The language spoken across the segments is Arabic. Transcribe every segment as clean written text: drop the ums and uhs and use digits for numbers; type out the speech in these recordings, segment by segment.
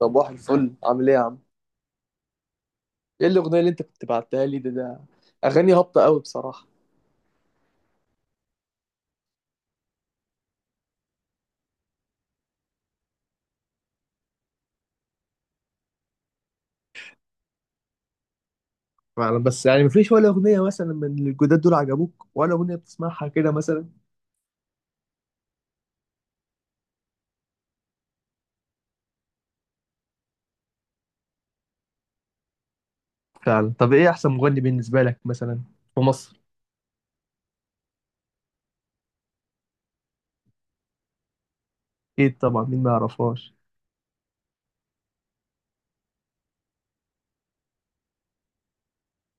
صباح الفل، عامل ايه يا عم؟ ايه الاغنيه اللي انت كنت بعتها لي ده؟ اغاني هابطه قوي بصراحه. أنا بس يعني مفيش ولا أغنية مثلا من الجداد دول عجبوك، ولا أغنية بتسمعها كده مثلا؟ فعلا. طب إيه أحسن مغني بالنسبة لك مثلا في مصر؟ أكيد طبعا، مين ما يعرفهاش.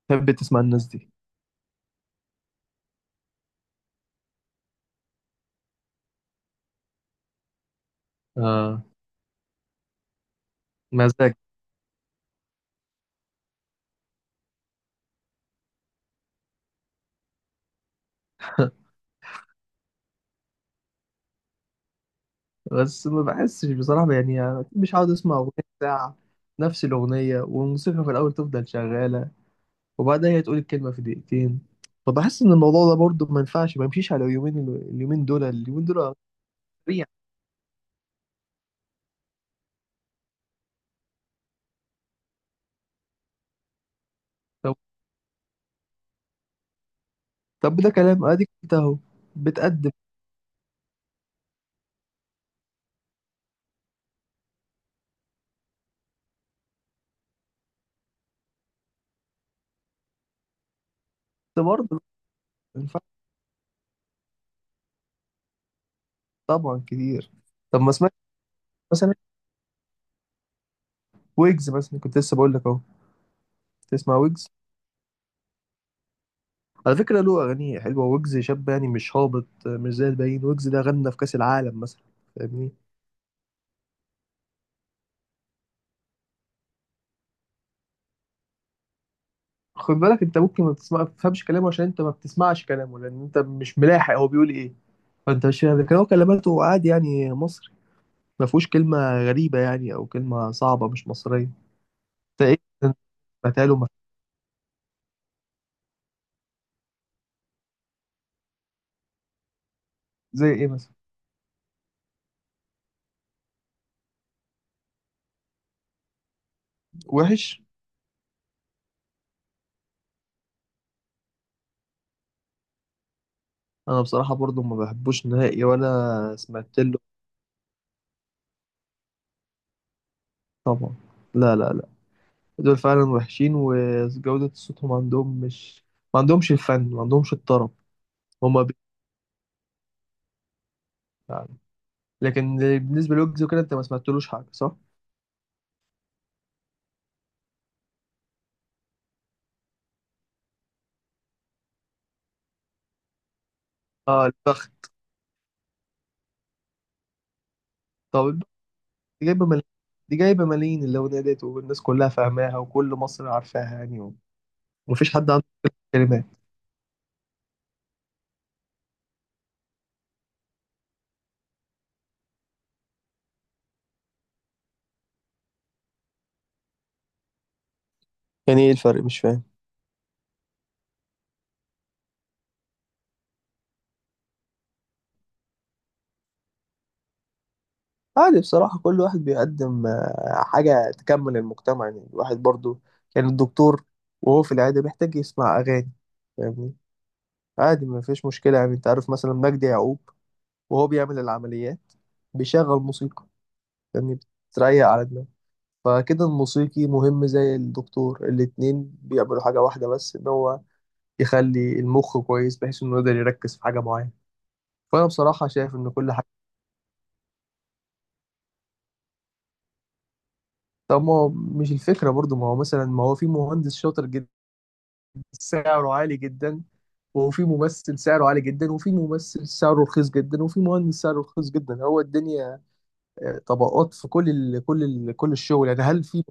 تحب تسمع الناس دي. آه. مزاج. بس ما بحسش بصراحة، يعني أكيد مش عاوز أسمع أغنية ساعة. نفس الأغنية والموسيقى في الأول تفضل شغالة، وبعدها هي تقول الكلمة في دقيقتين. فبحس إن الموضوع ده برضه ما ينفعش، ما يمشيش على اليومين دول. سريع. طب طب ده كلام، أديك أنت أهو. بتقدم. بس برضه ما ينفعش. طبعا كتير. طب ما سمعت مثلا ويجز؟ مثلا كنت لسه بقول لك أهو، تسمع ويجز. على فكرة له أغاني حلوة، ويجز شاب يعني مش هابط، مش زي الباقيين. ويجز ده غنى في كأس العالم مثلا، فاهمني. خد بالك، أنت ممكن ما تسمع ما تفهمش كلامه عشان أنت ما بتسمعش كلامه، لأن أنت مش ملاحق هو بيقول إيه. فأنت مش فاهم، لكن هو كلماته عادي يعني مصري، ما فيهوش كلمة غريبة يعني، أو كلمة صعبة مش مصرية. أنت إيه؟ سمعتها له مف- زي إيه مثلا؟ وحش. أنا بصراحة برضو ما بحبوش نهائي، ولا سمعت له. طبعا. لا، لا، لا، دول فعلا وحشين، وجودة صوتهم عندهم مش، ما عندهمش الفن، ما عندهمش الطرب. هما بي... يعني. لكن بالنسبة لويجز وكده، أنت ما سمعتلوش حاجة صح؟ آه، البخت. طب البخت دي جايبة ملايين. دي جايبة ملايين، اللي ونادت، والناس كلها فاهماها، وكل مصر عارفاها يعني، ومفيش حد عنده كلمات. يعني ايه الفرق، مش فاهم. عادي بصراحة، كل واحد بيقدم حاجة تكمل المجتمع، يعني الواحد برضو، يعني الدكتور وهو في العيادة بيحتاج يسمع أغاني، فاهمني؟ عادي ما فيش مشكلة. يعني أنت عارف مثلا مجدي يعقوب وهو بيعمل العمليات بيشغل موسيقى، فاهمني؟ بتريق على دماغه. فكده الموسيقي مهم زي الدكتور، الاتنين بيعملوا حاجة واحدة، بس إن هو يخلي المخ كويس بحيث إنه يقدر يركز في حاجة معينة. فأنا بصراحة شايف إن كل حاجة. طب ما هو مش الفكرة برضو، ما هو مثلا، ما هو في مهندس شاطر جدا سعره عالي جدا، وفي ممثل سعره عالي جدا، وفي ممثل سعره رخيص جدا، وفي مهندس سعره رخيص جدا. هو الدنيا طبقات، في كل الشغل، يعني هل في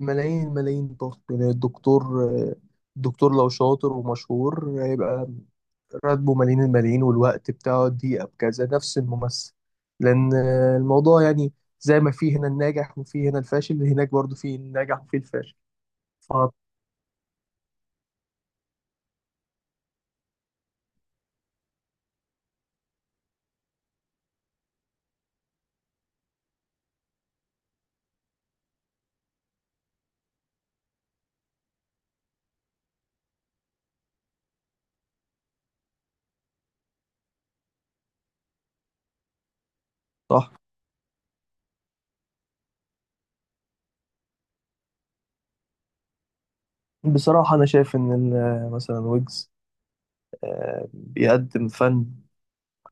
ملايين ملايين ضغط؟ يعني الدكتور، الدكتور لو شاطر ومشهور هيبقى راتبه ملايين الملايين، والوقت بتاعه دقيقة بكذا، نفس الممثل. لأن الموضوع يعني زي ما في هنا الناجح وفي هنا الفاشل، هناك برضو في الناجح وفي الفاشل. آه. صح. بصراحة أنا شايف إن مثلا ويجز بيقدم فن.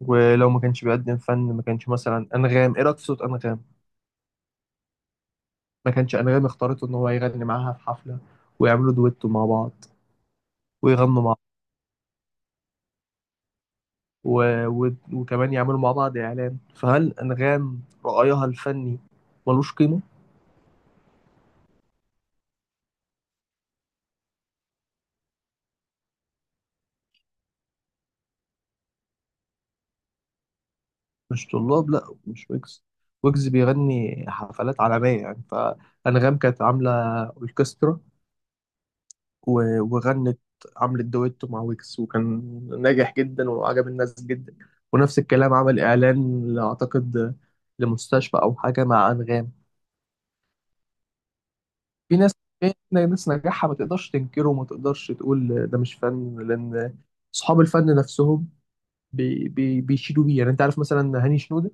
ولو ما كانش بيقدم فن، ما كانش مثلا أنغام. إيه رأيك في صوت أنغام؟ ما كانش أنغام اختارته إن هو يغني معاها في حفلة، ويعملوا دويتو مع بعض، ويغنوا مع و... و... وكمان يعملوا مع بعض إعلان. فهل أنغام رأيها الفني ملوش قيمة؟ مش طلاب، لأ مش ويجز. ويجز بيغني حفلات عالمية يعني. فأنغام كانت عاملة أوركسترا، و- وغنت، عملت دويتو مع ويكس، وكان ناجح جدا، وعجب الناس جدا. ونفس الكلام، عمل اعلان اعتقد لمستشفى او حاجه مع انغام. في ناس في ناس نجاحها ما تقدرش تنكره، وما تقدرش تقول ده مش فن، لان اصحاب الفن نفسهم بي بي بيشيدوا بيه، يعني انت عارف مثلا هاني شنودة.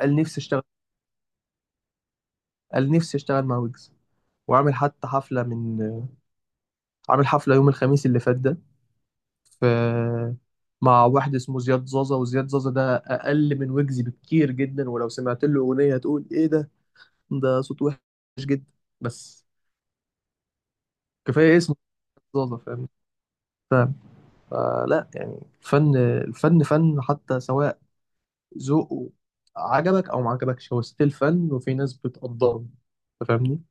قال نفسي اشتغل قال نفسي اشتغل مع ويجز، وعامل حتى حفله من عامل حفله يوم الخميس اللي فات ده، في، مع واحد اسمه زياد زازا. وزياد زازا ده اقل من ويجز بكتير جدا، ولو سمعت له اغنيه هتقول ايه ده، ده صوت وحش جدا. بس كفايه اسمه زازا، فاهم، فاهم. فلا يعني، الفن فن حتى سواء ذوقه عجبك او ما عجبكش، هو ستيل فن، وفي ناس بتقدره، أنت فاهمني.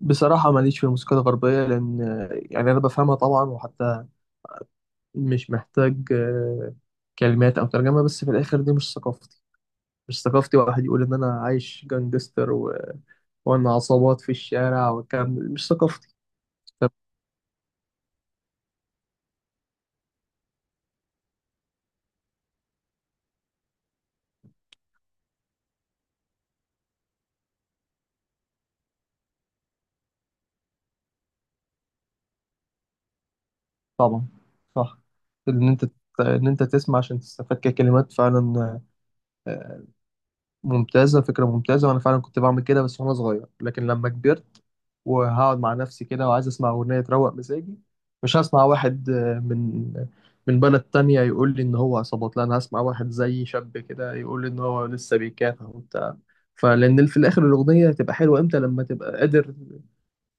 بصراحه ماليش في الموسيقى الغربيه، لان يعني انا بفهمها طبعا، وحتى مش محتاج كلمات او ترجمه، بس في الاخر دي مش ثقافتي. مش ثقافتي واحد يقول ان انا عايش جانجستر وان عصابات في الشارع والكلام ده مش ثقافتي. طب- طبعا، صح. ان انت ان انت تسمع عشان تستفاد ككلمات فعلا، آه، ممتازه، فكره ممتازه. وانا فعلا كنت بعمل كده بس وانا صغير، لكن لما كبرت وهقعد مع نفسي كده وعايز اسمع اغنيه تروق مزاجي، مش هسمع واحد من بلد تانية يقول لي ان هو عصابات. لا، انا هسمع واحد زي شاب كده يقول لي ان هو لسه بيكافح وبتاع فلان. في الاخر، الاغنيه هتبقى حلوه امتى؟ لما تبقى قادر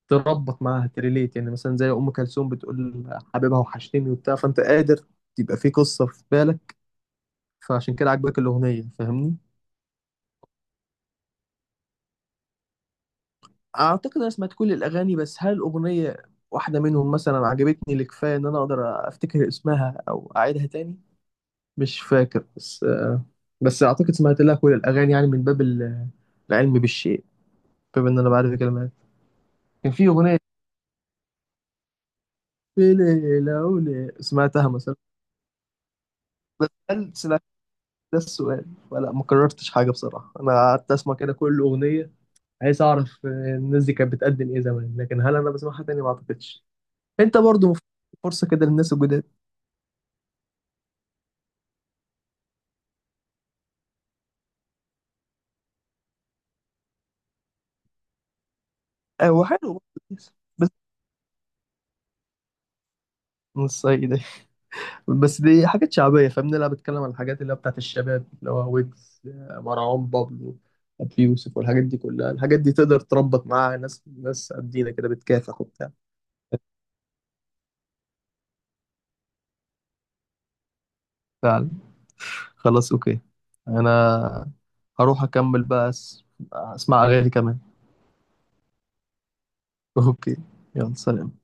تربط معاها تريليت، يعني مثلا زي ام كلثوم بتقول حبيبها وحشتني وبتاع، فانت قادر تبقى في قصه في بالك، فعشان كده عجبك الاغنيه، فاهمني. اعتقد انا سمعت كل الاغاني، بس هل اغنيه واحده منهم مثلا عجبتني لكفايه ان انا اقدر افتكر اسمها او اعيدها تاني؟ مش فاكر. بس اعتقد سمعت لها كل الاغاني، يعني من العلم بالشيء، باب ان انا بعرف الكلمات. كان في اغنيه، في ليله وليله سمعتها مثلا، بس هل سمعت، ده السؤال، ولا ما كررتش حاجه؟ بصراحه انا قعدت اسمع كده كل اغنيه، عايز اعرف الناس دي كانت بتقدم ايه زمان، لكن هل انا بسمعها تاني؟ ما اعتقدش. انت برضو، فرصه كده للناس الجداد. هو حلو برضه، كويس. بس من الصعيد دي، بس دي حاجات شعبية فاهمني. أنا بتكلم عن الحاجات اللي هي بتاعت الشباب، اللي هو ويجز، مروان بابلو، أبي يوسف، والحاجات دي كلها. الحاجات دي تقدر تربط معاها ناس قدينا كده بتكافح وبتاع. فعلا. خلاص، أوكي. أنا هروح أكمل بقى أسمع أغاني كمان. أوكي، يلا سلام.